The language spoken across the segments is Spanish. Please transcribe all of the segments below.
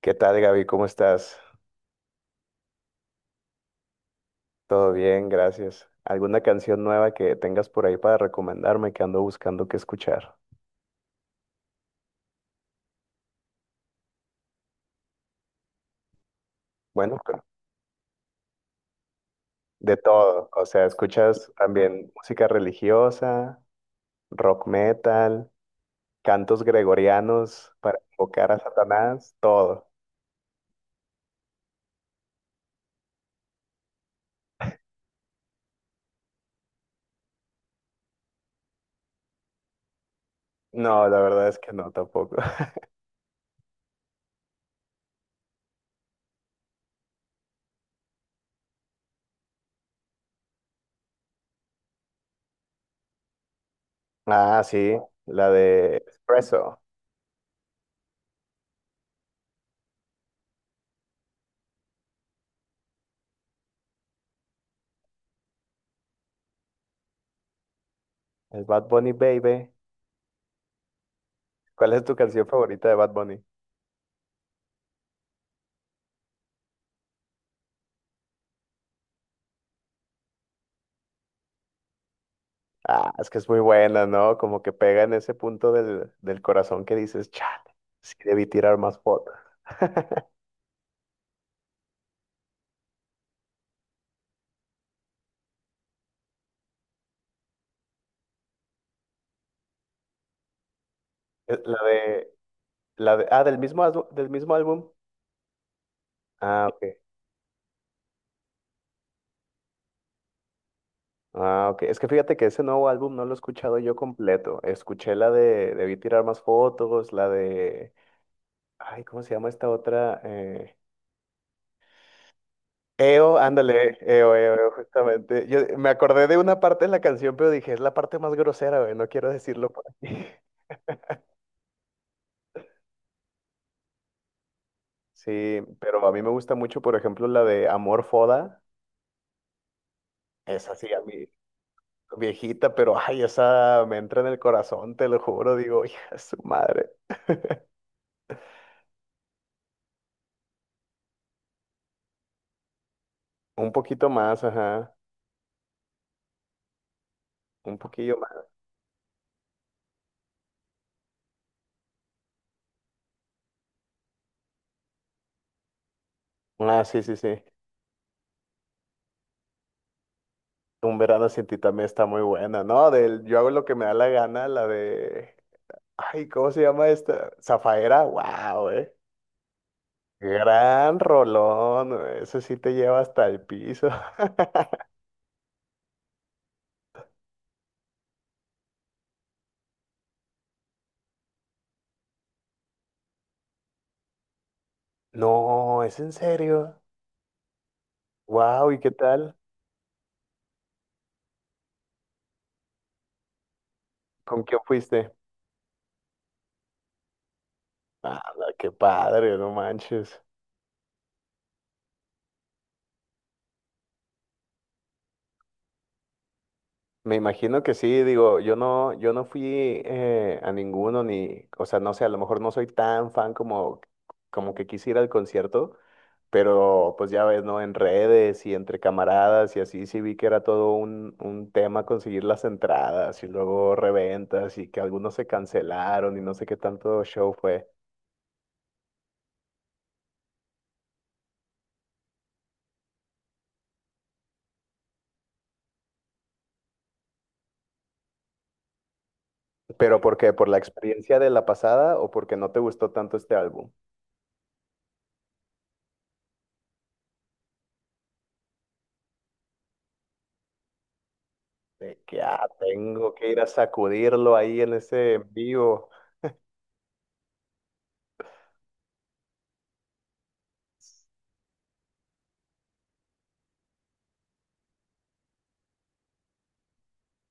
¿Qué tal, Gaby? ¿Cómo estás? Todo bien, gracias. ¿Alguna canción nueva que tengas por ahí para recomendarme que ando buscando qué escuchar? Bueno, pero de todo. O sea, escuchas también música religiosa, rock metal, cantos gregorianos para invocar a Satanás, todo. No, la verdad es que no, tampoco. Ah, sí, la de Espresso, el Bad Bunny Baby. ¿Cuál es tu canción favorita de Bad Bunny? Ah, es que es muy buena, ¿no? Como que pega en ese punto del corazón que dices, chale, sí debí tirar más fotos. Es la de, la de, ah, del mismo, del mismo álbum. Ah, ok. Ah, ok. Es que fíjate que ese nuevo álbum no lo he escuchado yo completo. Escuché la de, debí tirar más fotos, la de, ay, ¿cómo se llama esta otra? EO, ándale, EO, EO, EO, justamente. Yo me acordé de una parte de la canción, pero dije, es la parte más grosera, güey, no quiero decirlo por aquí. Sí, pero a mí me gusta mucho, por ejemplo, la de Amor Foda. Esa sí, a mí, viejita, pero ay, esa me entra en el corazón, te lo juro. Digo, hija, de su madre. Un poquito más, ajá. Un poquillo más. Ah, sí, sí, sí. Un verano sin ti también está muy buena, ¿no? Del yo hago lo que me da la gana, la de. Ay, ¿cómo se llama esta? Zafaera, wow, Gran rolón, güey, eso sí te lleva hasta el piso. No, es en serio. Wow, ¿y qué tal? ¿Con quién fuiste? Ah, qué padre, no manches. Me imagino que sí, digo, yo no fui a ninguno ni, o sea, no sé, a lo mejor no soy tan fan como, como que quisiera el concierto, pero pues ya ves, ¿no? En redes y entre camaradas y así sí vi que era todo un tema conseguir las entradas y luego reventas y que algunos se cancelaron y no sé qué tanto show fue. ¿Pero por qué? ¿Por la experiencia de la pasada o porque no te gustó tanto este álbum? De que ah, tengo que ir a sacudirlo ahí en ese en vivo.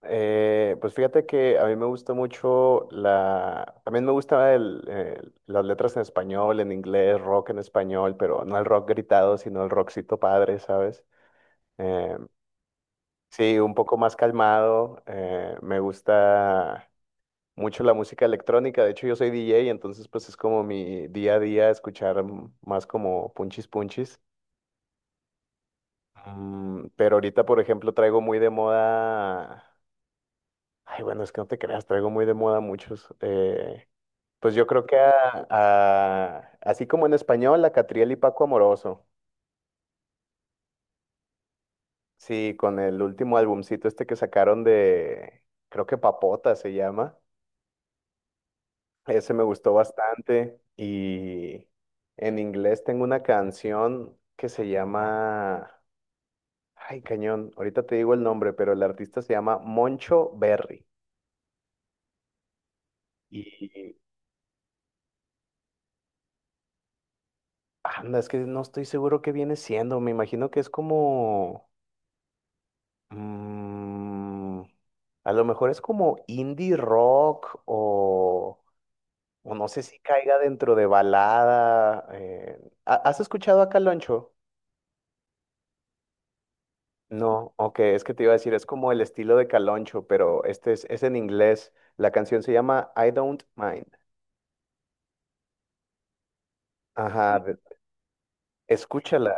Pues fíjate que a mí me gusta mucho la... También me gusta las letras en español, en inglés, rock en español, pero no el rock gritado, sino el rockcito padre, ¿sabes? Eh, sí, un poco más calmado. Eh, me gusta mucho la música electrónica. De hecho, yo soy DJ, entonces pues es como mi día a día escuchar más como punchis punchis. Pero ahorita, por ejemplo, traigo muy de moda. Ay, bueno, es que no te creas, traigo muy de moda muchos. Pues yo creo que así como en español, a Catriel y Paco Amoroso. Sí, con el último albumcito este que sacaron de, creo que Papota se llama. Ese me gustó bastante. Y en inglés tengo una canción que se llama. Ay, cañón, ahorita te digo el nombre, pero el artista se llama Moncho Berry. Y Anda, es que no estoy seguro qué viene siendo. Me imagino que es como... mm, a lo mejor es como indie rock o no sé si caiga dentro de balada. ¿Has escuchado a Caloncho? No, ok, es que te iba a decir, es como el estilo de Caloncho, pero este es en inglés. La canción se llama I Don't Mind. Ajá, escúchala,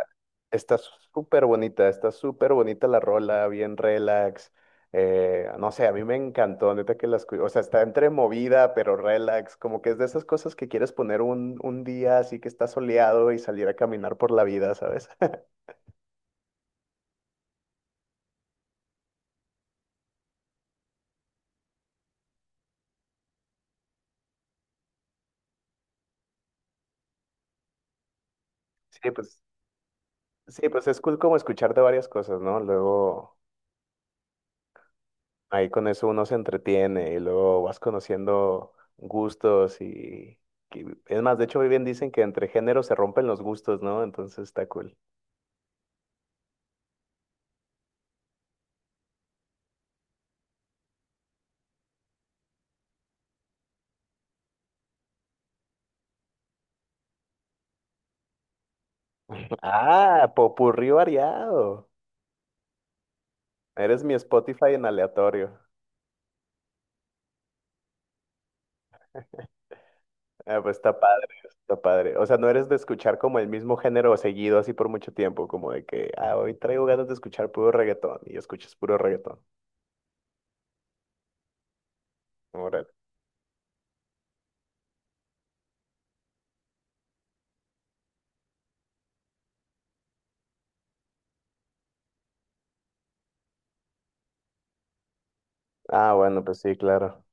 está está súper bonita la rola, bien relax. No sé, a mí me encantó, neta que o sea, está entre movida, pero relax, como que es de esas cosas que quieres poner un día así que está soleado y salir a caminar por la vida, ¿sabes? Sí, pues, sí, pues es cool como escucharte varias cosas, ¿no? Luego ahí con eso uno se entretiene y luego vas conociendo gustos y... Es más, de hecho, hoy bien dicen que entre géneros se rompen los gustos, ¿no? Entonces está cool. Ah, popurrí variado. Eres mi Spotify en aleatorio. Ah, pues está padre, está padre. O sea, no eres de escuchar como el mismo género seguido así por mucho tiempo, como de que, ah, hoy traigo ganas de escuchar puro reggaetón y escuchas puro reggaetón. Órale. Ah, bueno, pues sí, claro.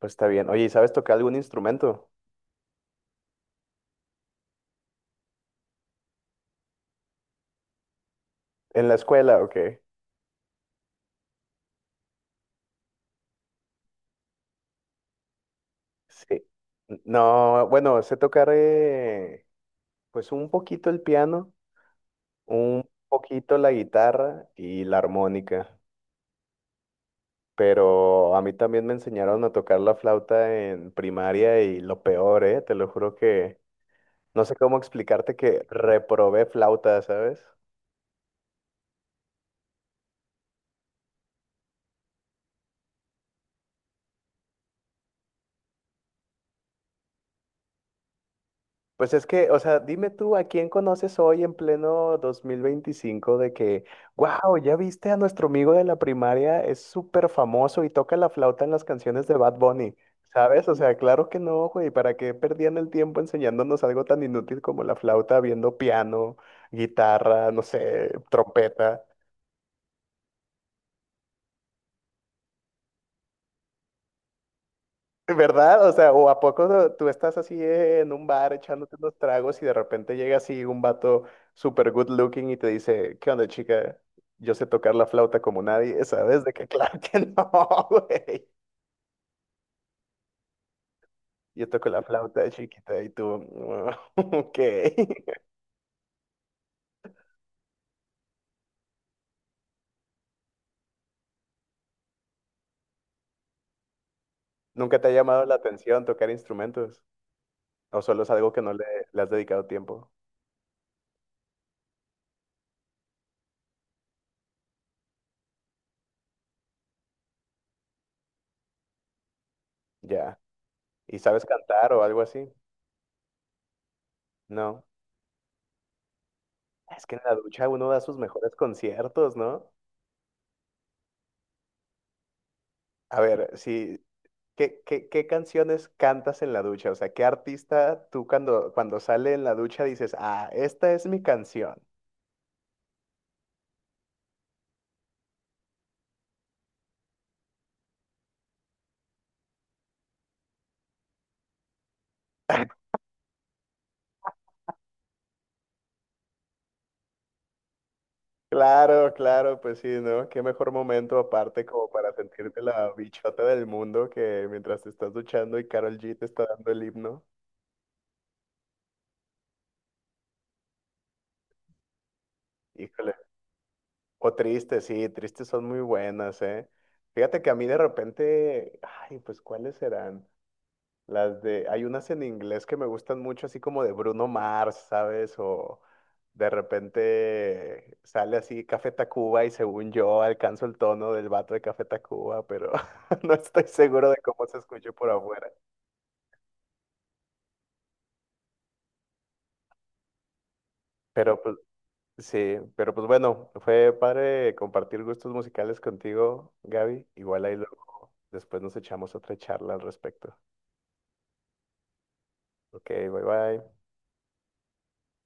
Pues está bien. Oye, ¿y sabes tocar algún instrumento? ¿En la escuela o qué? Sí. No, bueno, sé tocar pues un poquito el piano, un poquito la guitarra y la armónica. Pero a mí también me enseñaron a tocar la flauta en primaria y lo peor, ¿eh? Te lo juro que no sé cómo explicarte que reprobé flauta, ¿sabes? Pues es que, o sea, dime tú, ¿a quién conoces hoy en pleno 2025 de que, wow, ya viste a nuestro amigo de la primaria, es súper famoso y toca la flauta en las canciones de Bad Bunny, ¿sabes? O sea, claro que no, güey, ¿para qué perdían el tiempo enseñándonos algo tan inútil como la flauta, viendo piano, guitarra, no sé, trompeta? ¿Verdad? O sea, ¿o a poco tú estás así en un bar echándote unos tragos y de repente llega así un vato super good looking y te dice, ¿qué onda, chica? Yo sé tocar la flauta como nadie, ¿sabes? De que claro que no, güey. Yo toco la flauta chiquita y tú, "Mm, ok. ¿Nunca te ha llamado la atención tocar instrumentos? ¿O solo es algo que no le, le has dedicado tiempo? Ya. ¿Y sabes cantar o algo así? No. Es que en la ducha uno da sus mejores conciertos, ¿no? A ver, si, ¿qué, qué, qué canciones cantas en la ducha? O sea, ¿qué artista tú cuando sale en la ducha dices, ah, esta es mi canción? Claro, claro, pues sí, ¿no? Qué mejor momento aparte como para sentirte la bichota del mundo que mientras te estás duchando y Karol G te está dando el himno. Híjole. O tristes sí, tristes son muy buenas, ¿eh? Fíjate que a mí de repente, ay, pues ¿cuáles serán? Las de, hay unas en inglés que me gustan mucho, así como de Bruno Mars, ¿sabes? O de repente sale así Café Tacuba y según yo alcanzo el tono del vato de Café Tacuba, pero no estoy seguro de cómo se escucha por afuera. Pero pues sí, pero pues bueno, fue padre compartir gustos musicales contigo, Gaby. Igual ahí luego, después nos echamos otra charla al respecto. Ok, bye bye.